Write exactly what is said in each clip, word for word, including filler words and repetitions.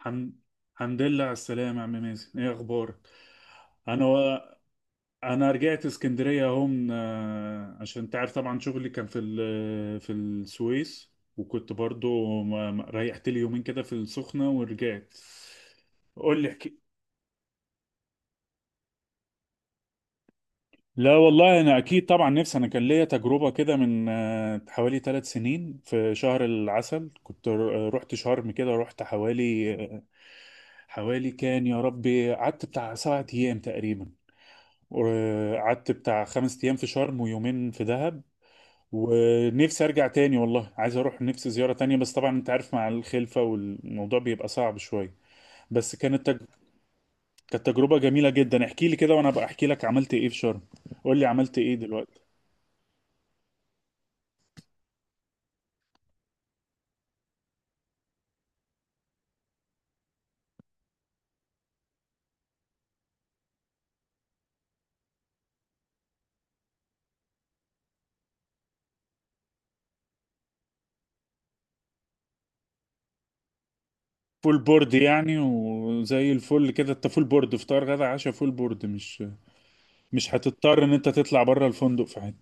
الحمد الحمد لله على السلامة يا عم مازن، ايه اخبارك؟ انا و... انا رجعت اسكندرية اهو، من- آه، عشان تعرف طبعا شغلي كان في ال... في السويس، وكنت برضو ما... ما- ريحت لي يومين كده في السخنة ورجعت. قول لي، احكي. لا والله انا اكيد طبعا نفسي، انا كان ليا تجربة كده من آه، حوالي ثلاث سنين في شهر العسل، كنت ر- رحت شرم كده، رحت حوالي حوالي كان يا ربي قعدت بتاع سبعة ايام تقريبا، وقعدت بتاع خمس ايام في شرم ويومين في دهب. ونفسي ارجع تاني والله، عايز اروح، نفسي زيارة تانية، بس طبعا انت عارف مع الخلفة والموضوع بيبقى صعب شوية. بس كانت تج... كانت تجربة جميلة جدا. احكي لي كده وانا بقى احكي لك، عملت ايه في شرم؟ قول لي، عملت ايه دلوقتي؟ فول بورد يعني، وزي الفل كده، انت فول بورد، فطار غدا عشاء فول بورد، مش مش هتضطر ان انت تطلع بره الفندق في حاجة.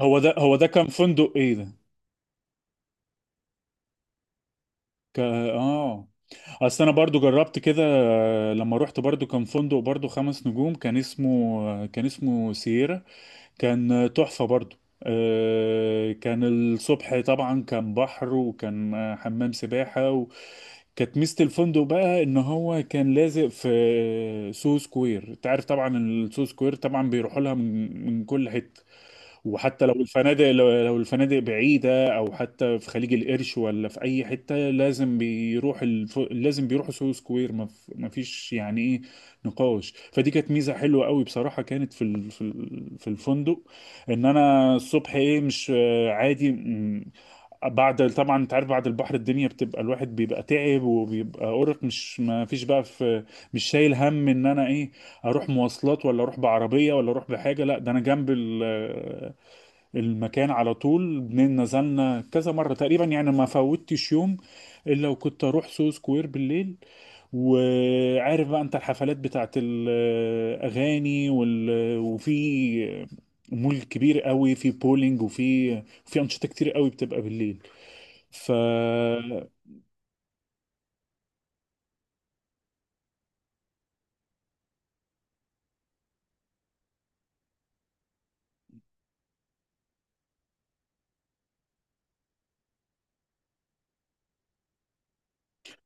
هو ده هو ده كان فندق ايه ده؟ ك... اه. اصل انا برضو جربت كده، آه، لما رحت برضو كان فندق برضو خمس نجوم، كان اسمه، آه، كان اسمه سييرا، كان آه، تحفة برضو. آه، كان الصبح طبعا كان بحر، وكان آه، حمام سباحة. وكانت ميزة الفندق بقى ان هو كان لازق في آه، سو سكوير. انت عارف طبعا السو سكوير طبعا بيروحوا لها من من كل حتة، وحتى لو الفنادق لو لو الفنادق بعيدة أو حتى في خليج القرش ولا في أي حتة لازم بيروح الف... لازم بيروحوا سوهو سكوير، ما ف- ما فيش يعني إيه نقاش. فدي كانت ميزة حلوة قوي بصراحة، كانت في ال... في ال... في الفندق، إن أنا الصبح إيه مش آه، عادي، م، بعد طبعا أنت عارف، بعد البحر الدنيا بتبقى، الواحد بيبقى تعب وبيبقى أرق، مش ما فيش بقى في، مش شايل هم إن أنا إيه، أروح مواصلات ولا أروح بعربية ولا أروح بحاجة، لا ده أنا جنب ال... المكان على طول. بن- نزلنا كذا مرة تقريبا يعني، ما فوتش يوم الا وكنت اروح سو سكوير بالليل. وعارف بقى انت الحفلات بتاعت الاغاني وال... وفي مول كبير قوي، في بولينج وفي في انشطه كتير قوي بتبقى بالليل. ف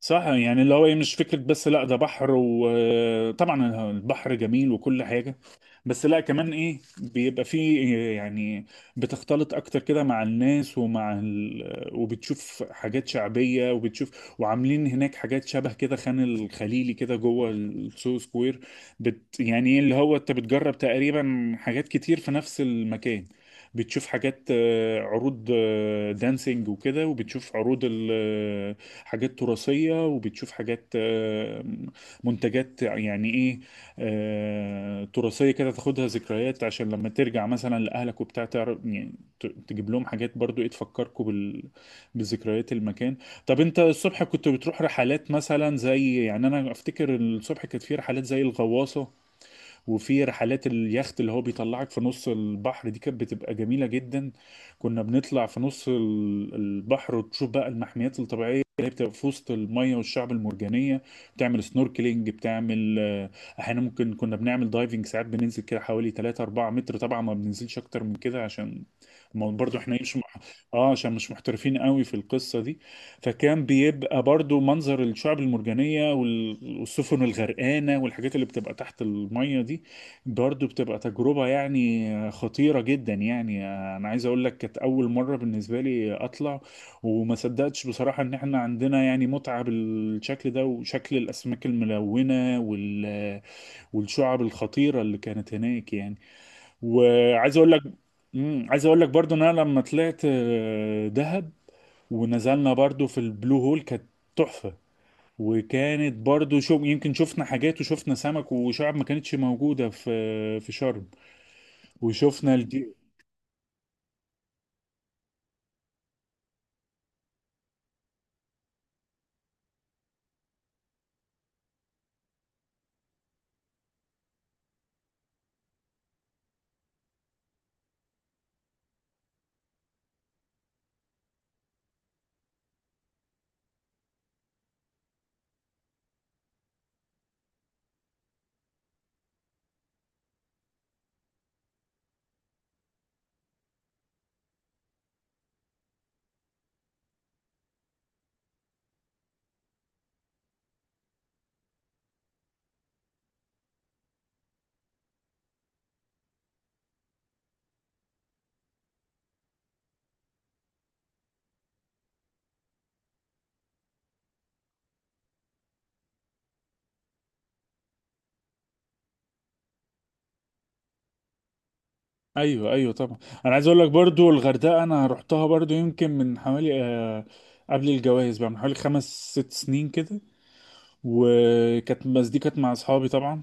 صح، يعني اللي هو إيه، مش فكره بس، لا ده بحر وطبعا البحر جميل وكل حاجه، بس لا كمان ايه بيبقى فيه يعني، بتختلط اكتر كده مع الناس، ومع ال... وبتشوف حاجات شعبية، وبتشوف وعاملين هناك حاجات شبه كده خان الخليلي كده جوه السو سكوير. بت... يعني إيه اللي هو انت بتجرب تقريبا حاجات كتير في نفس المكان، بتشوف حاجات، آه، عروض، آه، دانسينج وكده، وبتشوف عروض ال- آه، حاجات تراثية، وبتشوف حاجات، آه، منتجات يعني ايه، آه، تراثية كده تاخدها ذكريات، عشان لما ترجع مثلا لأهلك وبتاع تعرف يعني، ت- تجيب لهم حاجات برضو ايه تفكركوا بال... بذكريات المكان. طب انت الصبح كنت بتروح رحلات مثلا زي، يعني انا افتكر الصبح كانت في رحلات زي الغواصة، وفي رحلات اليخت اللي هو بيطلعك في نص البحر، دي كانت بتبقى جميلة جدا. كنا بنطلع في نص ال- البحر وتشوف بقى المحميات الطبيعية اللي هي بتبقى في وسط المية والشعب المرجانية. بتعمل سنوركلينج، بتعمل آه، احيانا ممكن كنا بنعمل دايفنج، ساعات بننزل كده حوالي تلاتة اربعة متر، طبعا ما بننزلش اكتر من كده عشان، ما برضو احنا مش مح... اه عشان مش محترفين قوي في القصة دي. فكان بيبقى برضو منظر الشعب المرجانية وال- والسفن الغرقانة والحاجات اللي بتبقى تحت المية دي، برضو بتبقى تجربة يعني خطيرة جدا يعني. أنا عايز أقول لك كانت أول مرة بالنسبة لي أطلع، وما صدقتش بصراحة إن إحنا عندنا يعني متعة بالشكل ده، وشكل الأسماك الملونة وال... والشعب الخطيرة اللي كانت هناك يعني. وعايز أقول لك. مم. عايز اقول لك برضو ان انا لما طلعت آه، دهب ونزلنا برضو في البلو هول، كانت تحفة. وكانت برضو شو يمكن شفنا حاجات وشفنا سمك وشعب ما كانتش موجودة في في شرم. وشفنا الدي. ايوه، ايوه، طبعا. انا عايز اقول لك برضو الغردقة، انا رحتها برضو يمكن من حوالي آه قبل الجواز بقى، من حوالي خمس ست سنين كده، وكانت بس دي كانت مع اصحابي طبعا.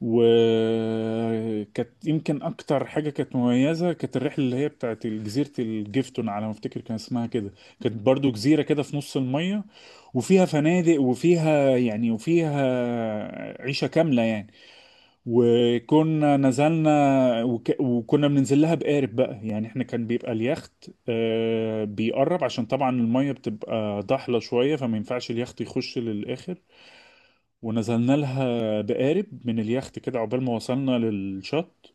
وكانت يمكن اكتر حاجه كانت مميزه، كانت الرحله اللي هي بتاعت جزيره الجيفتون على ما افتكر كان اسمها كده. كانت برضو جزيره كده في نص الميه، وفيها فنادق وفيها يعني وفيها عيشه كامله يعني. وكنا نزلنا وك... وكنا بننزل لها بقارب بقى، يعني احنا كان بيبقى اليخت آه بيقرب، عشان طبعا الميه بتبقى ضحله شويه فما ينفعش اليخت يخش للاخر. ونزلنا لها بقارب من اليخت كده عقبال ما وصلنا للشط.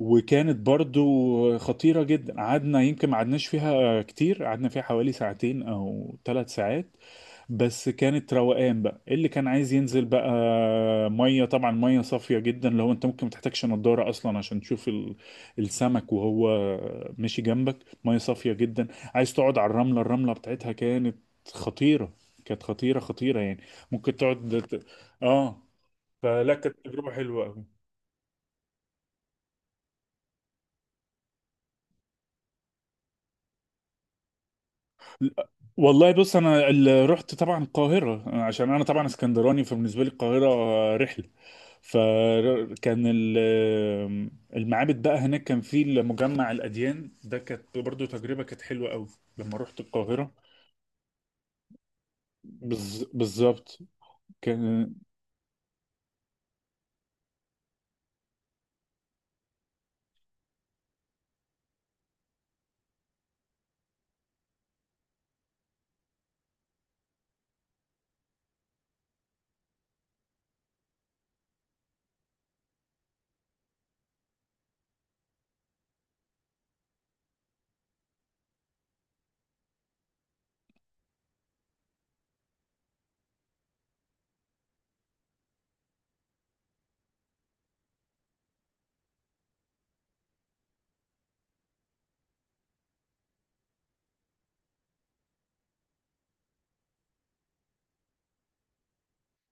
وكانت برضو خطيرة جدا، قعدنا يمكن ما قعدناش فيها كتير، قعدنا فيها حوالي ساعتين أو ثلاث ساعات. بس كانت روقان بقى، إيه اللي كان عايز ينزل بقى، مية طبعا، مية صافية جدا. لو انت ممكن ما تحتاجش نضارة أصلا عشان تشوف ال- السمك وهو ماشي جنبك، مية صافية جدا. عايز تقعد على الرملة الرملة بتاعتها، كانت خطيرة، كانت خطيرة خطيرة يعني، ممكن تقعد ت- اه. فلا كانت تجربة حلوة أوي. والله بص انا ال- رحت طبعا القاهره، عشان انا طبعا اسكندراني فبالنسبه لي القاهره رحله. فكان ال- المعابد بقى هناك كان في مجمع الاديان ده، كانت برضو تجربه كانت حلوه قوي لما رحت القاهره. بز- بالظبط. كان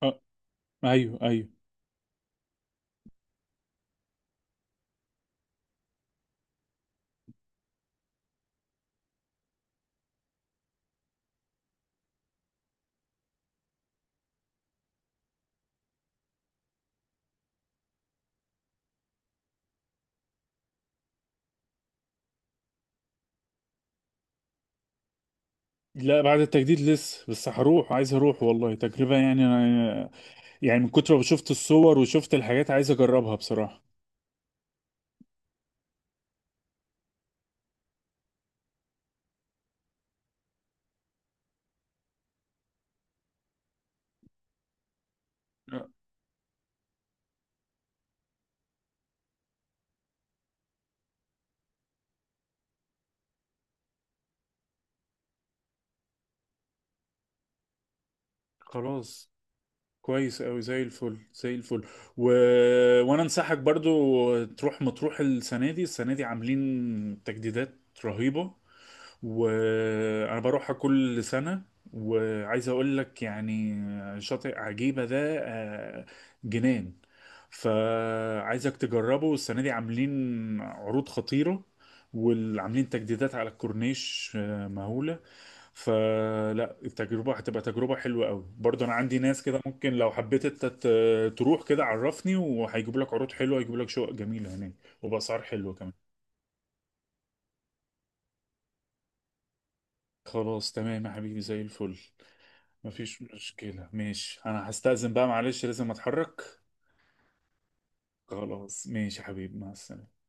آه ايوه، ايوه. لا بعد التجديد لسه، بس هروح، عايز اروح والله تجربه يعني أنا، يعني من كتر ما شفت الصور وشفت الحاجات عايز اجربها بصراحه. آه، خلاص، كويس أوي زي الفل زي الفل. و... وانا انصحك برضو تروح مطروح السنه دي السنه دي عاملين تجديدات رهيبه، وانا بروحها كل سنه. وعايز اقول لك يعني، شاطئ عجيبه ده، آه، جنان. فعايزك تجربه، السنة دي عاملين عروض خطيرة، وعاملين تجديدات على الكورنيش آه، مهولة. فلا التجربة هتبقى تجربة حلوة قوي برضه. أنا عندي ناس كده، ممكن لو حبيت أنت ت- تروح كده عرفني، وهيجيبوا لك عروض حلوة، هيجيبوا لك شقق جميلة هناك وبأسعار حلوة كمان. خلاص تمام يا حبيبي زي الفل. مفيش مشكلة، ماشي، أنا هستأذن بقى معلش لازم أتحرك. خلاص ماشي يا حبيبي، مع السلامة.